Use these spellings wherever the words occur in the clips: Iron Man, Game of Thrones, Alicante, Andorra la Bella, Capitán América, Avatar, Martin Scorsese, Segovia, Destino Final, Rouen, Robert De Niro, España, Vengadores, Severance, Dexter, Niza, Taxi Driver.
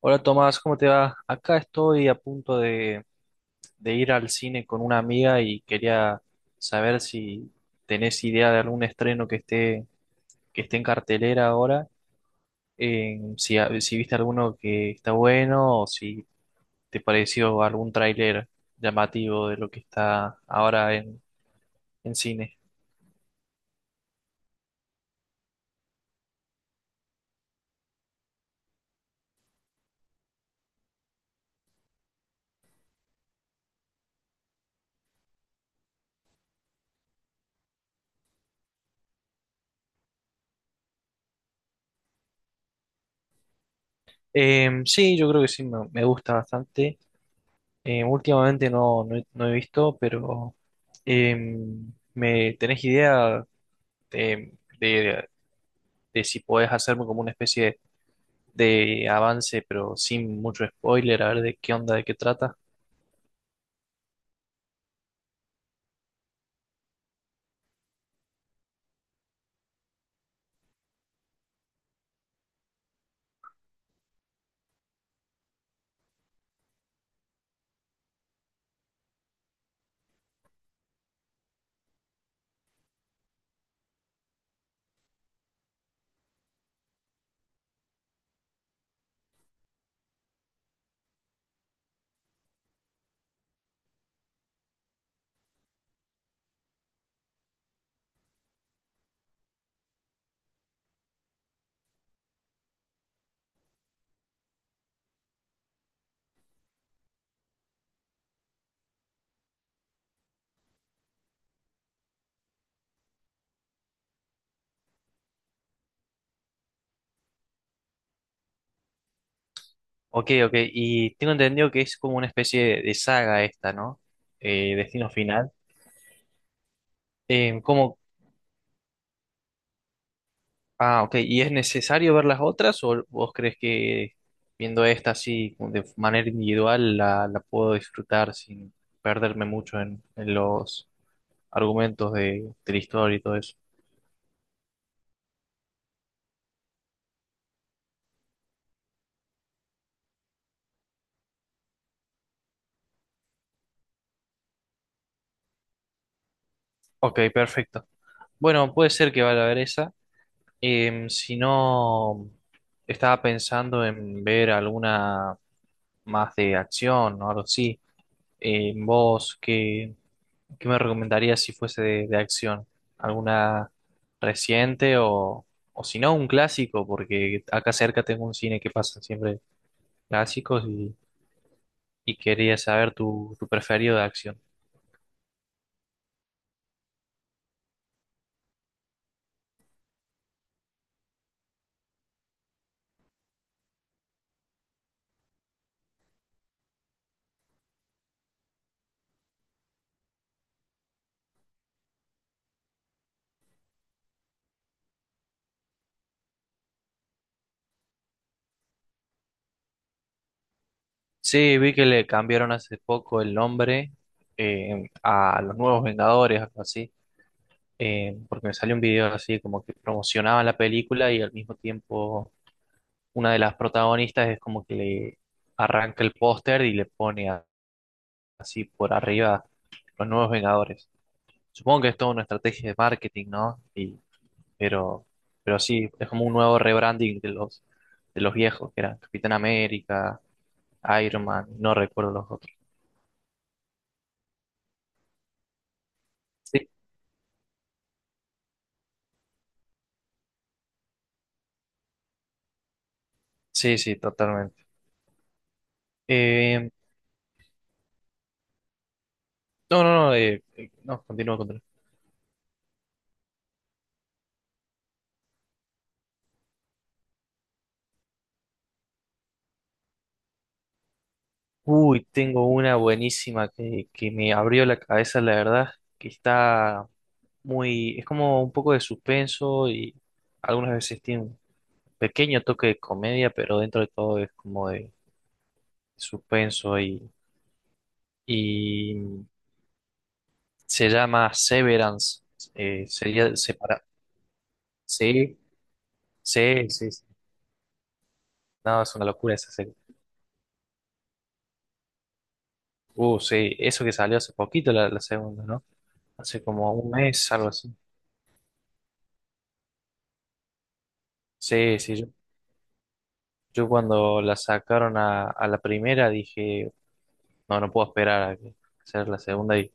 Hola Tomás, ¿cómo te va? Acá estoy a punto de ir al cine con una amiga y quería saber si tenés idea de algún estreno que esté en cartelera ahora, si, si viste alguno que está bueno o si te pareció algún tráiler llamativo de lo que está ahora en cine. Sí, yo creo que sí, me gusta bastante. Últimamente no, no he visto, pero... ¿Me tenés idea de, de- de si podés hacerme como una especie de avance, pero sin mucho spoiler, a ver de qué onda, de qué trata. Ok, ok, y tengo entendido que es como una especie de saga esta, ¿no? Destino Final. ¿Cómo? Ah, ok, ¿y es necesario ver las otras o vos crees que viendo esta así como de manera individual la puedo disfrutar sin perderme mucho en los argumentos de la historia y todo eso? Ok, perfecto. Bueno, puede ser que vaya a ver esa. Em, si no, estaba pensando en ver alguna más de acción o algo así. Em, vos, ¿qué me recomendarías si fuese de acción? ¿Alguna reciente o si no, un clásico? Porque acá cerca tengo un cine que pasan siempre clásicos y quería saber tu preferido de acción. Sí, vi que le cambiaron hace poco el nombre em, a los nuevos Vengadores, algo así. Eh, porque me salió un video así como que promocionaban la película y al mismo tiempo una de las protagonistas es como que le arranca el póster y le pone así por arriba los nuevos Vengadores. Supongo que es toda una estrategia de marketing, ¿no? Y, pero, pero sí, es como un nuevo rebranding de los viejos, que eran Capitán América, Iron Man, no recuerdo los otros. Sí, sí, sí, totalmente. Eh, no, no, no, no, continúa, continúa. Uy, tengo una buenísima que me abrió la cabeza, la verdad, que está muy, es como un poco de suspenso y algunas veces tiene un pequeño toque de comedia, pero dentro de todo es como de suspenso y se llama Severance, sería separar. Sí, sí, sí, sí. No, es una locura esa serie. Sí, eso que salió hace poquito la segunda, ¿no? Hace como 1 mes, algo así. Sí, sí, yo. Yo cuando la sacaron a la primera dije, no, no puedo esperar a a hacer la segunda. Y,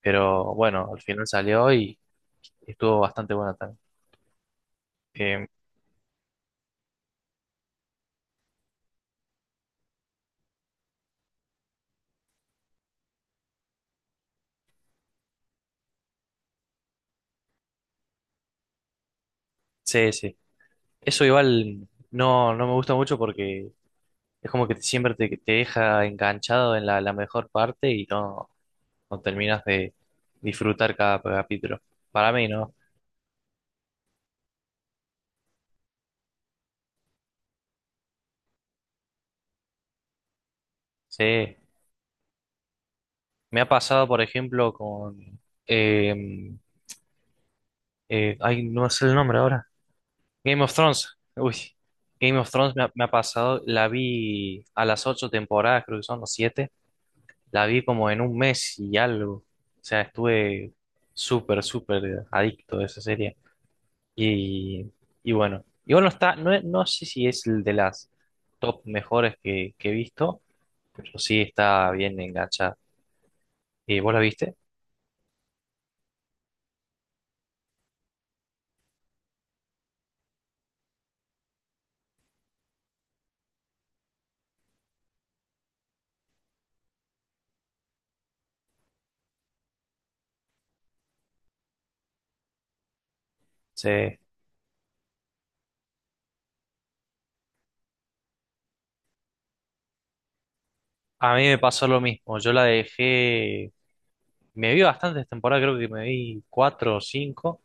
pero bueno, al final salió y estuvo bastante buena también. Eh, sí, sí. Eso igual no, no me gusta mucho porque es como siempre te, te deja enganchado en la mejor parte y no, no terminas de disfrutar cada capítulo. Para mí, ¿no? Sí. Me ha pasado, por ejemplo, con... eh, ay, no sé el nombre ahora. Game of Thrones. Uy, Game of Thrones me ha pasado, la vi a las 8 temporadas, creo que son los siete, la vi como en 1 mes y algo. O sea, estuve súper, súper adicto a esa serie. Y, y bueno, igual no está, no, es- no sé si es el de las top mejores que he visto, pero sí está bien enganchada. ¿Y vos la viste? Sí. A mí me pasó lo mismo, yo la dejé, me vi bastantes temporadas, creo que me vi cuatro o cinco.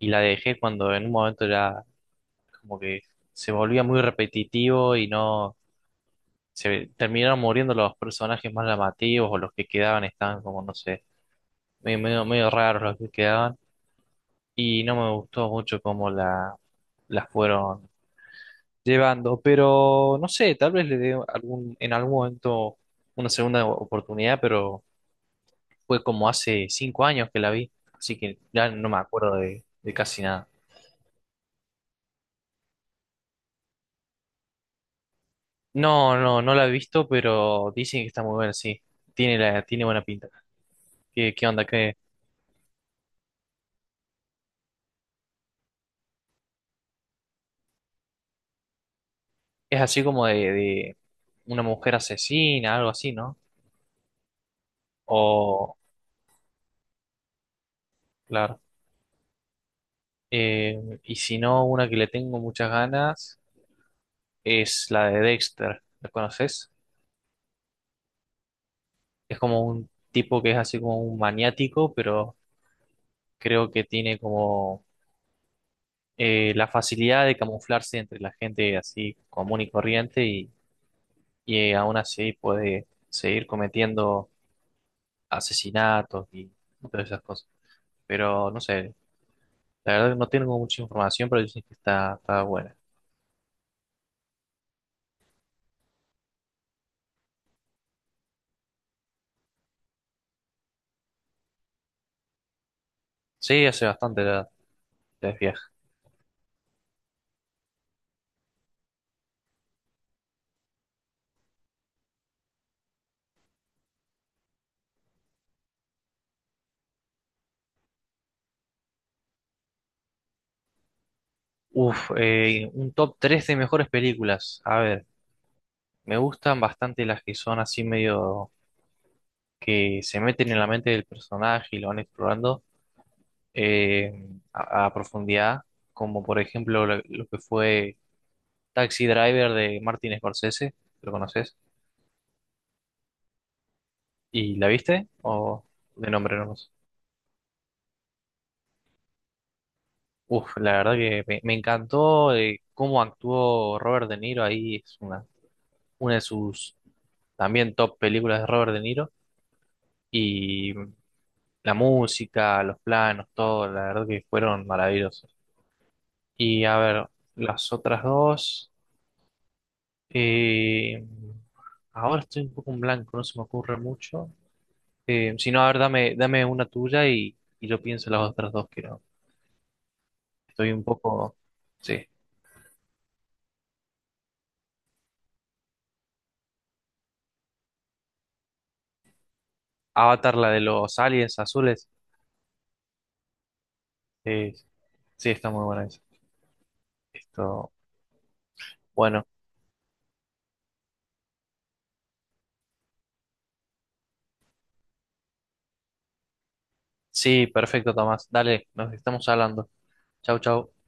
Y la dejé cuando en un momento era como que se volvía muy repetitivo y no se terminaron muriendo los personajes más llamativos o los que quedaban estaban como no sé, medio, medio, medio raros los que quedaban y no me gustó mucho cómo la las fueron llevando, pero no sé, tal vez le dé algún en algún momento una segunda oportunidad, pero fue como hace 5 años que la vi, así que ya no me acuerdo de casi nada. No, no, no la he visto, pero dicen que está muy buena, sí. Tiene la, tiene buena pinta. ¿Qué, qué onda? ¿Qué, es así como de una mujer asesina, algo así, ¿no? O, claro. Y si no, una que le tengo muchas ganas es la de Dexter. ¿La conoces? Es como un tipo que es así como un maniático, pero creo que tiene como la facilidad de camuflarse entre la gente así común y corriente y aún así puede seguir cometiendo asesinatos y todas esas cosas. Pero no sé, la verdad que no tengo mucha información, pero dicen que está, está buena. Sí, hace bastante la, la es vieja. Uf, un top 3 de mejores películas. A ver, me gustan bastante las que son así medio que se meten en la mente del personaje y lo van explorando a profundidad, como por ejemplo lo que fue Taxi Driver de Martin Scorsese, ¿lo conoces? ¿Y la viste? ¿O de nombre nomás? Uf, la verdad que me encantó cómo actuó Robert De Niro ahí, es una de sus también top películas de Robert De Niro y la música, los planos, todo, la verdad que fueron maravillosos. Y a ver, las otras dos, eh, ahora estoy un poco en blanco, no se me ocurre mucho. Si no, a ver, dame, dame una tuya y yo pienso en las otras dos, que no, estoy un poco, sí, Avatar, la de los aliens azules. Sí, está muy buena esa. Esto, bueno, sí, perfecto, Tomás. Dale, nos estamos hablando. Chau, chau.